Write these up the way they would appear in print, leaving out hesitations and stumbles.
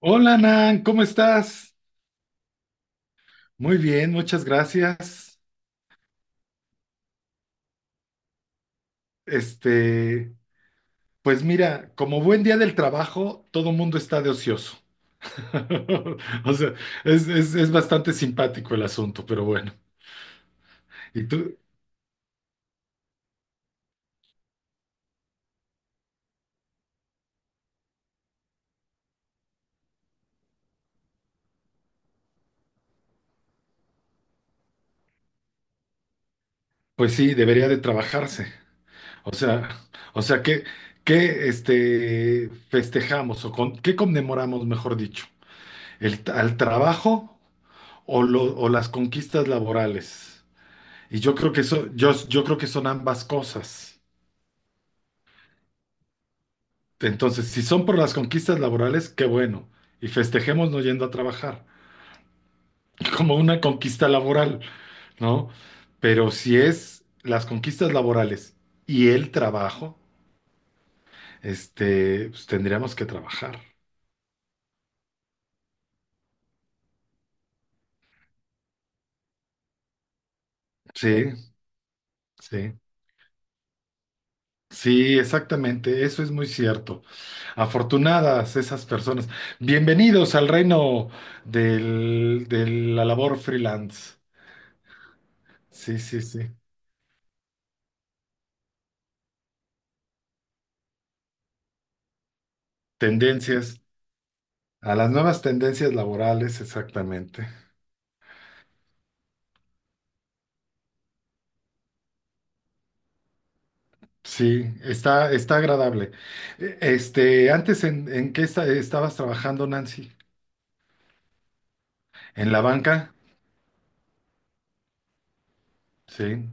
Hola, Nan, ¿cómo estás? Muy bien, muchas gracias. Este, pues mira, como buen día del trabajo, todo mundo está de ocioso. O sea, es bastante simpático el asunto, pero bueno. Y tú. Pues sí, debería de trabajarse. O sea, o sea, ¿qué, qué festejamos o con, qué conmemoramos, mejor dicho? ¿El, al trabajo o, o las conquistas laborales? Y yo creo que eso, yo creo que son ambas cosas. Entonces, si son por las conquistas laborales, qué bueno. Y festejemos no yendo a trabajar, como una conquista laboral, ¿no? Pero si es las conquistas laborales y el trabajo, pues tendríamos que trabajar. Sí, sí. Sí, exactamente, eso es muy cierto. Afortunadas esas personas. Bienvenidos al reino de la labor freelance. Sí, sí, sí. Tendencias, a las nuevas tendencias laborales, exactamente. Sí, está agradable. ¿Antes en, qué estabas trabajando, Nancy? ¿En la banca? Sí.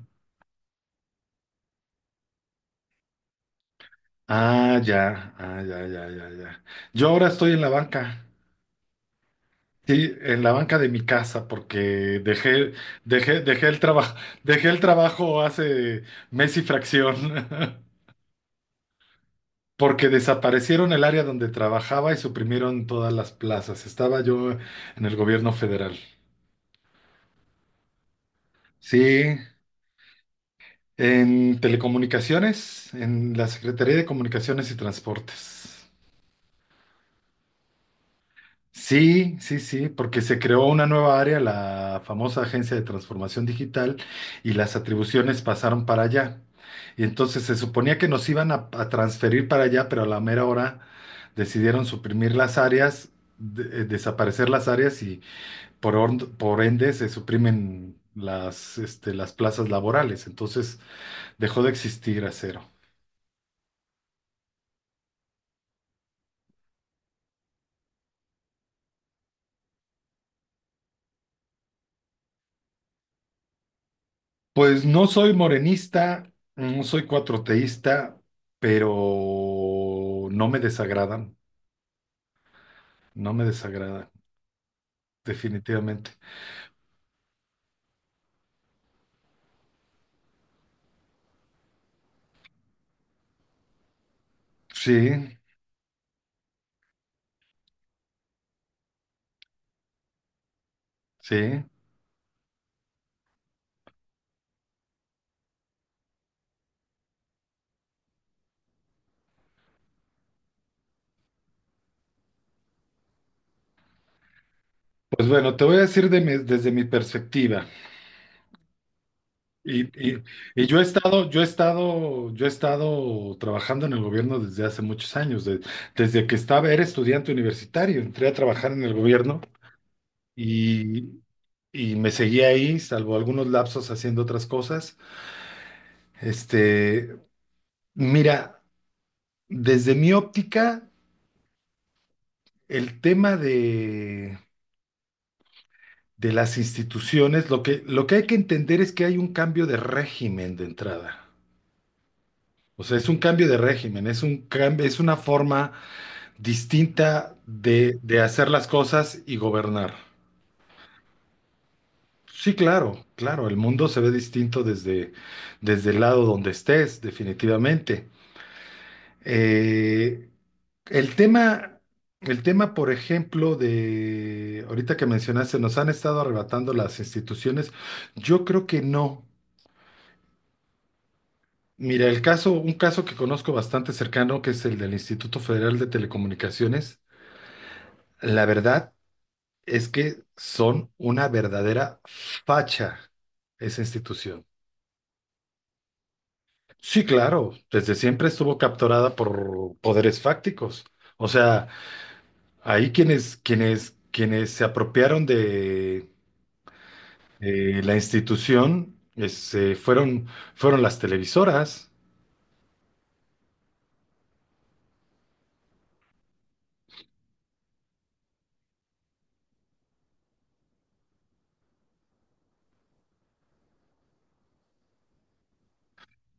Ah, ya, ah, ya, ya, ya, ya. Yo ahora estoy en la banca. Sí, en la banca de mi casa, porque dejé el trabajo, dejé el trabajo hace mes y fracción. Porque desaparecieron el área donde trabajaba y suprimieron todas las plazas. Estaba yo en el gobierno federal. Sí, en telecomunicaciones, en la Secretaría de Comunicaciones y Transportes. Sí, sí, sí, porque se creó una nueva área, la famosa Agencia de Transformación Digital, y las atribuciones pasaron para allá. Y entonces se suponía que nos iban a transferir para allá, pero a la mera hora decidieron suprimir las áreas, desaparecer las áreas por, por ende se suprimen las plazas laborales, entonces dejó de existir Acero. Pues no soy morenista, no soy cuatroteísta, pero no me desagradan, no me desagradan, definitivamente. Sí, sí. Pues bueno, te voy a decir desde mi perspectiva. Y, y- y yo he estado, yo he estado, yo he estado trabajando en el gobierno desde hace muchos años, desde que estaba, era estudiante universitario, entré a trabajar en el gobierno y, y me seguí ahí, salvo algunos lapsos haciendo otras cosas. Este, Mira, desde mi óptica, el tema de las instituciones, lo que hay que entender es que hay un cambio de régimen de entrada. O sea, es un cambio de régimen, es un cambio, es una forma distinta de hacer las cosas y gobernar. Sí, claro, claro, el mundo se ve distinto desde el lado donde estés, definitivamente. Eh, el tema, el tema, por ejemplo, de ahorita que mencionaste, nos han estado arrebatando las instituciones. Yo creo que no. Mira, el caso, un caso que conozco bastante cercano, que es el del Instituto Federal de Telecomunicaciones, la verdad es que son una verdadera facha esa institución. Sí, claro, desde siempre estuvo capturada por poderes fácticos. O sea, ahí quienes se apropiaron de la institución fueron las televisoras.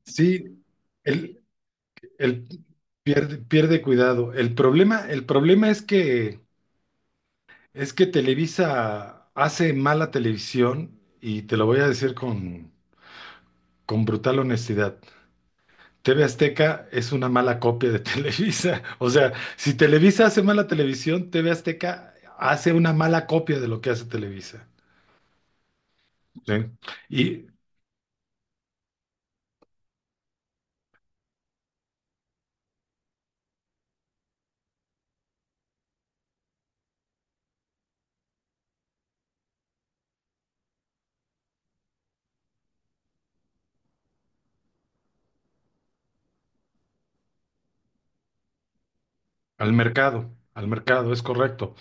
Sí, el, el pierde cuidado. El problema es que Televisa hace mala televisión, y te lo voy a decir con brutal honestidad. TV Azteca es una mala copia de Televisa. O sea, si Televisa hace mala televisión, TV Azteca hace una mala copia de lo que hace Televisa. ¿Sí? Y al mercado, es correcto.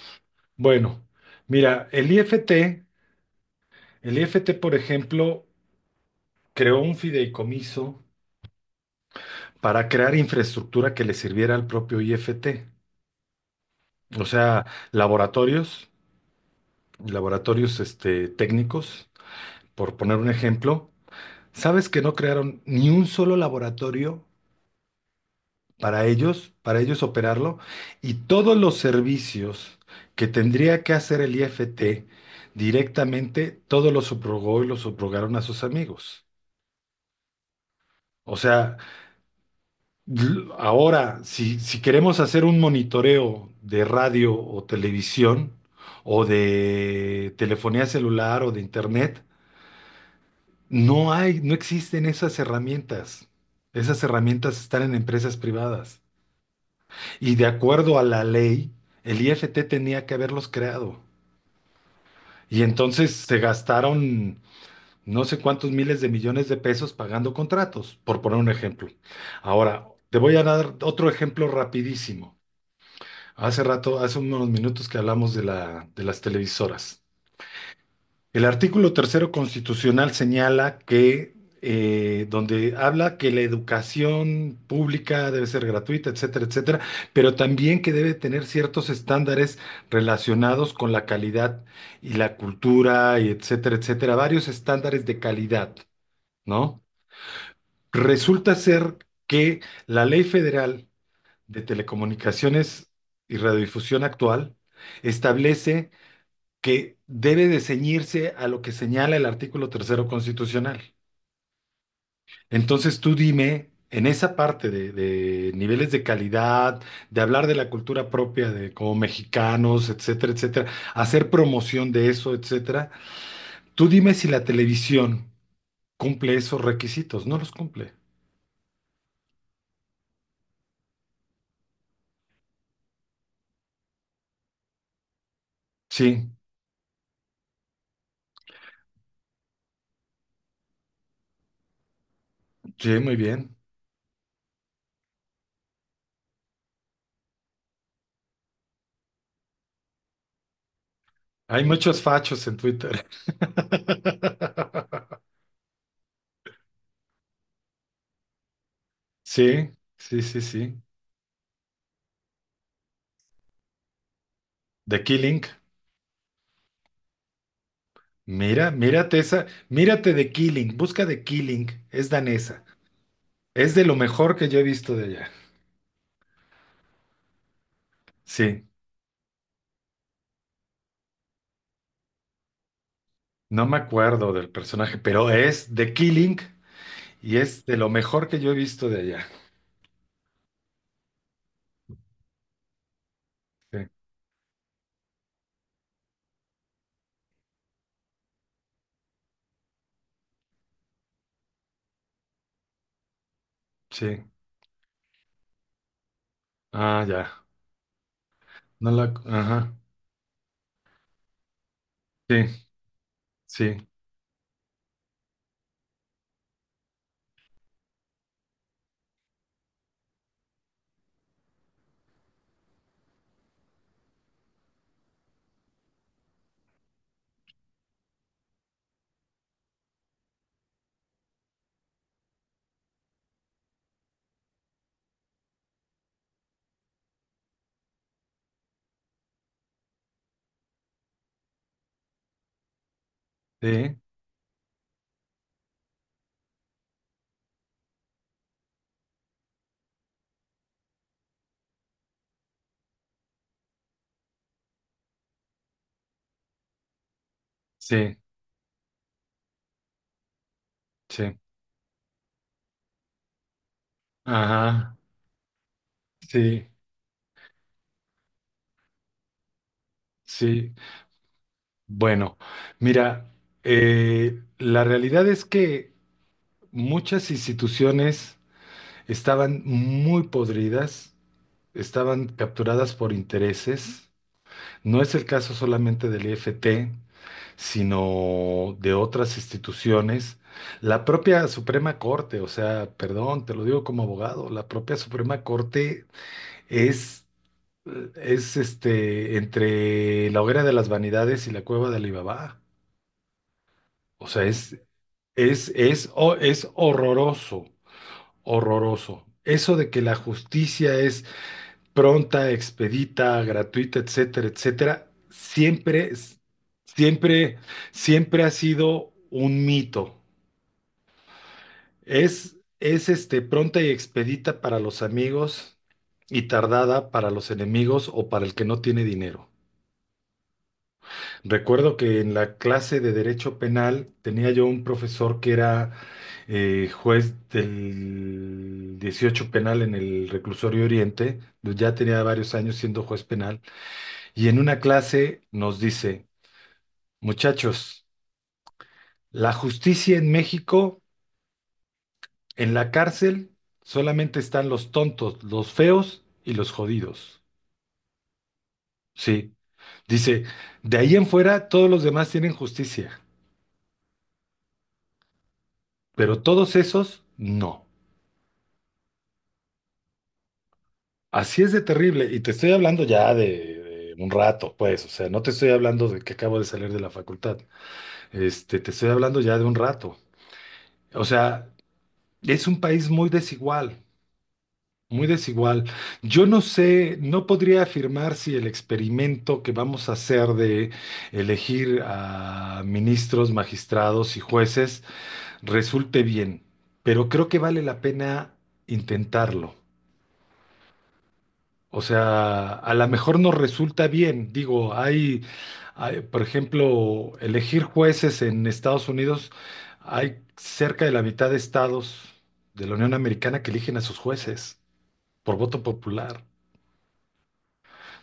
Bueno, mira, el IFT, el IFT, por ejemplo, creó un fideicomiso para crear infraestructura que le sirviera al propio IFT. O sea, laboratorios, laboratorios técnicos, por poner un ejemplo. ¿Sabes que no crearon ni un solo laboratorio para ellos operarlo? Y todos los servicios que tendría que hacer el IFT directamente, todos los subrogó y los subrogaron a sus amigos. O sea, ahora, si queremos hacer un monitoreo de radio o televisión, o de telefonía celular o de internet, no hay, no existen esas herramientas. Esas herramientas están en empresas privadas. Y de acuerdo a la ley, el IFT tenía que haberlos creado. Y entonces se gastaron no sé cuántos miles de millones de pesos pagando contratos, por poner un ejemplo. Ahora, te voy a dar otro ejemplo rapidísimo. Hace rato, hace unos minutos que hablamos de la, de las televisoras. El artículo tercero constitucional señala que, donde habla que la educación pública debe ser gratuita, etcétera, etcétera, pero también que debe tener ciertos estándares relacionados con la calidad y la cultura, y etcétera, etcétera, varios estándares de calidad, ¿no? Resulta ser que la Ley Federal de Telecomunicaciones y Radiodifusión actual establece que debe de ceñirse a lo que señala el artículo tercero constitucional. Entonces, tú dime, en esa parte de niveles de calidad, de hablar de la cultura propia de como mexicanos, etcétera, etcétera, hacer promoción de eso, etcétera, tú dime si la televisión cumple esos requisitos, no los cumple. Sí, sí, muy bien. Hay muchos fachos en Twitter. Sí, sí, sí, sí. The Killing. Mira, mírate esa, mírate de Killing, busca de Killing, es danesa, es de lo mejor que yo he visto de allá. Sí, no me acuerdo del personaje, pero es de Killing y es de lo mejor que yo he visto de allá. Sí, sí, ah, ya, no la, ajá, sí, sí, sí, sí, sí, ajá, sí, sí. Bueno, mira, la realidad es que muchas instituciones estaban muy podridas, estaban capturadas por intereses. No es el caso solamente del IFT, sino de otras instituciones. La propia Suprema Corte, o sea, perdón, te lo digo como abogado, la propia Suprema Corte es, es, entre la hoguera de las vanidades y la cueva de Alibaba. O sea, es horroroso, horroroso. Eso de que la justicia es pronta, expedita, gratuita, etcétera, etcétera, siempre, siempre ha sido un mito. Es pronta y expedita para los amigos y tardada para los enemigos o para el que no tiene dinero. Recuerdo que en la clase de Derecho Penal tenía yo un profesor que era juez del 18 penal en el Reclusorio Oriente, ya tenía varios años siendo juez penal. Y en una clase nos dice, muchachos, la justicia en México, en la cárcel, solamente están los tontos, los feos y los jodidos. Sí, dice, de ahí en fuera todos los demás tienen justicia, pero todos esos no. Así es de terrible. Y te estoy hablando ya de un rato, pues, o sea, no te estoy hablando de que acabo de salir de la facultad. Te estoy hablando ya de un rato. O sea, es un país muy desigual. Muy desigual. Yo no sé, no podría afirmar si el experimento que vamos a hacer de elegir a ministros, magistrados y jueces resulte bien, pero creo que vale la pena intentarlo. O sea, a lo mejor nos resulta bien. Digo, hay, por ejemplo, elegir jueces en Estados Unidos, hay cerca de la mitad de estados de la Unión Americana que eligen a sus jueces por voto popular.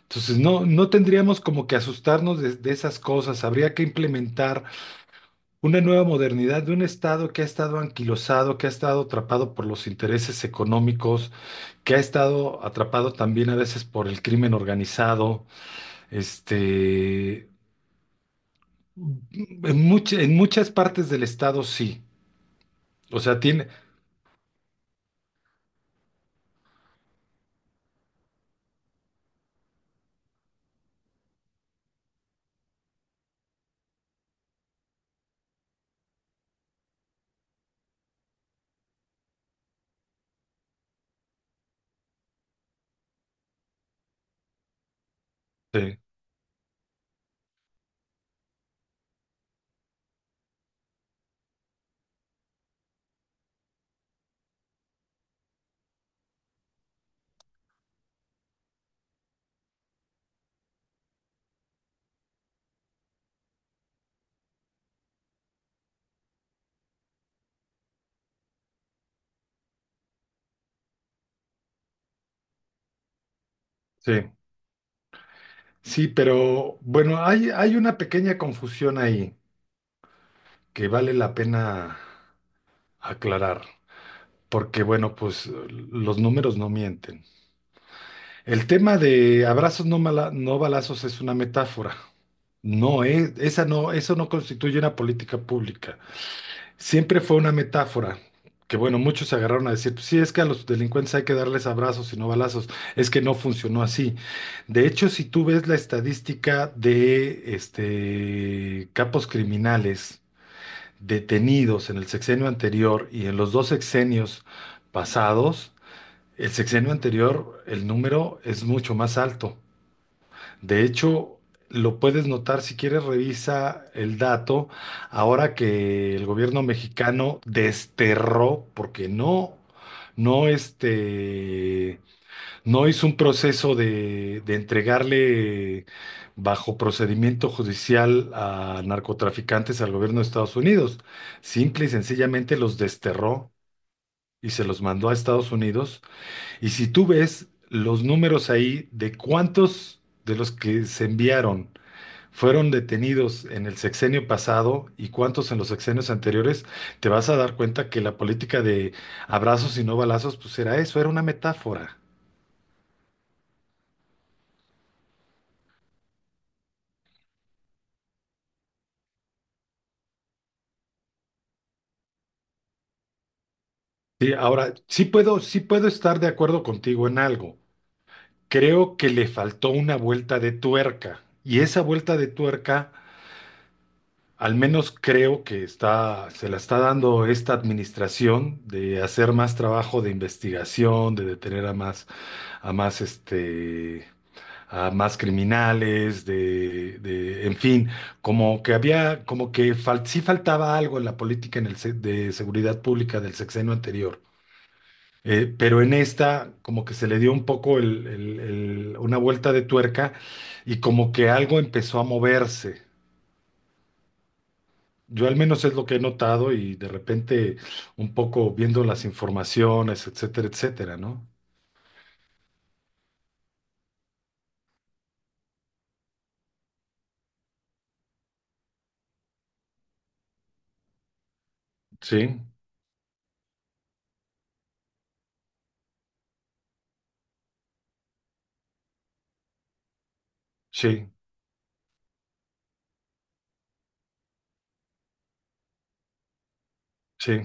Entonces, no, no tendríamos como que asustarnos de esas cosas. Habría que implementar una nueva modernidad de un Estado que ha estado anquilosado, que ha estado atrapado por los intereses económicos, que ha estado atrapado también a veces por el crimen organizado. Este, en en muchas partes del Estado sí. O sea, tiene... Sí, sí, sí, pero bueno, hay una pequeña confusión ahí que vale la pena aclarar. Porque bueno, pues los números no mienten. El tema de abrazos no balazos es una metáfora. No, es, esa no, eso no constituye una política pública. Siempre fue una metáfora. Que bueno, muchos se agarraron a decir, pues, sí, es que a los delincuentes hay que darles abrazos y no balazos. Es que no funcionó así. De hecho, si tú ves la estadística de capos criminales detenidos en el sexenio anterior y en los dos sexenios pasados, el sexenio anterior, el número es mucho más alto. De hecho, lo puedes notar si quieres revisa el dato ahora que el gobierno mexicano desterró, porque no este, no hizo un proceso de entregarle bajo procedimiento judicial a narcotraficantes al gobierno de Estados Unidos. Simple y sencillamente los desterró y se los mandó a Estados Unidos, y si tú ves los números ahí de cuántos de los que se enviaron fueron detenidos en el sexenio pasado y cuántos en los sexenios anteriores, te vas a dar cuenta que la política de abrazos y no balazos, pues era eso, era una metáfora. Sí, ahora, sí puedo estar de acuerdo contigo en algo. Creo que le faltó una vuelta de tuerca y esa vuelta de tuerca, al menos creo que está, se la está dando esta administración de hacer más trabajo de investigación, de detener a más, a más, este, a más criminales, en fin, como que había, sí faltaba algo en la política de seguridad pública del sexenio anterior. Pero en esta, como que se le dio un poco una vuelta de tuerca y como que algo empezó a moverse. Yo al menos es lo que he notado y de repente un poco viendo las informaciones, etcétera, etcétera, ¿no? Sí, sí, sí,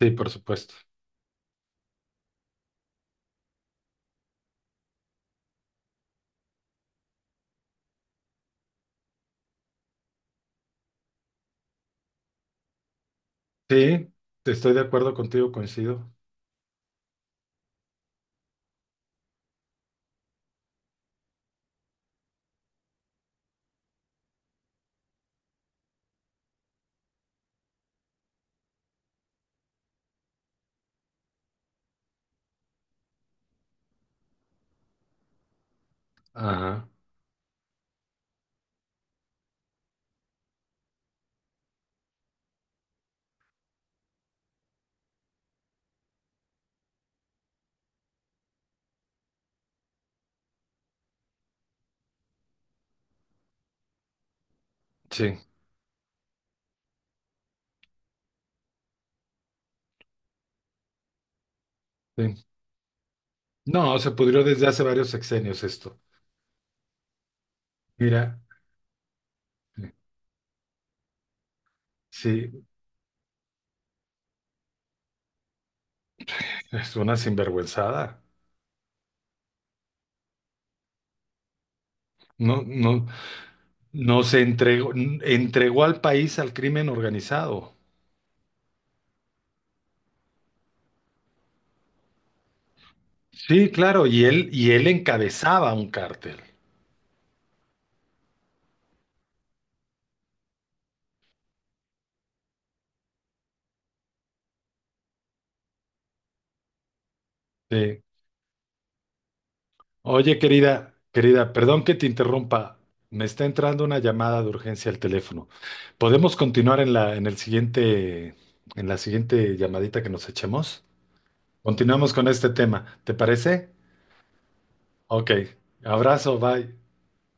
sí, por supuesto. Sí, estoy de acuerdo contigo, coincido. Ajá, sí, sí. No, se pudrió desde hace varios sexenios esto. Mira, sí, es una sinvergüenzada. No, no, no se entregó, entregó al país al crimen organizado. Sí, claro, y él, encabezaba un cártel. Sí, oye, querida, querida, perdón que te interrumpa. Me está entrando una llamada de urgencia al teléfono. ¿Podemos continuar en la, en el siguiente, en la siguiente llamadita que nos echemos? Continuamos con este tema. ¿Te parece? Ok. Abrazo, bye.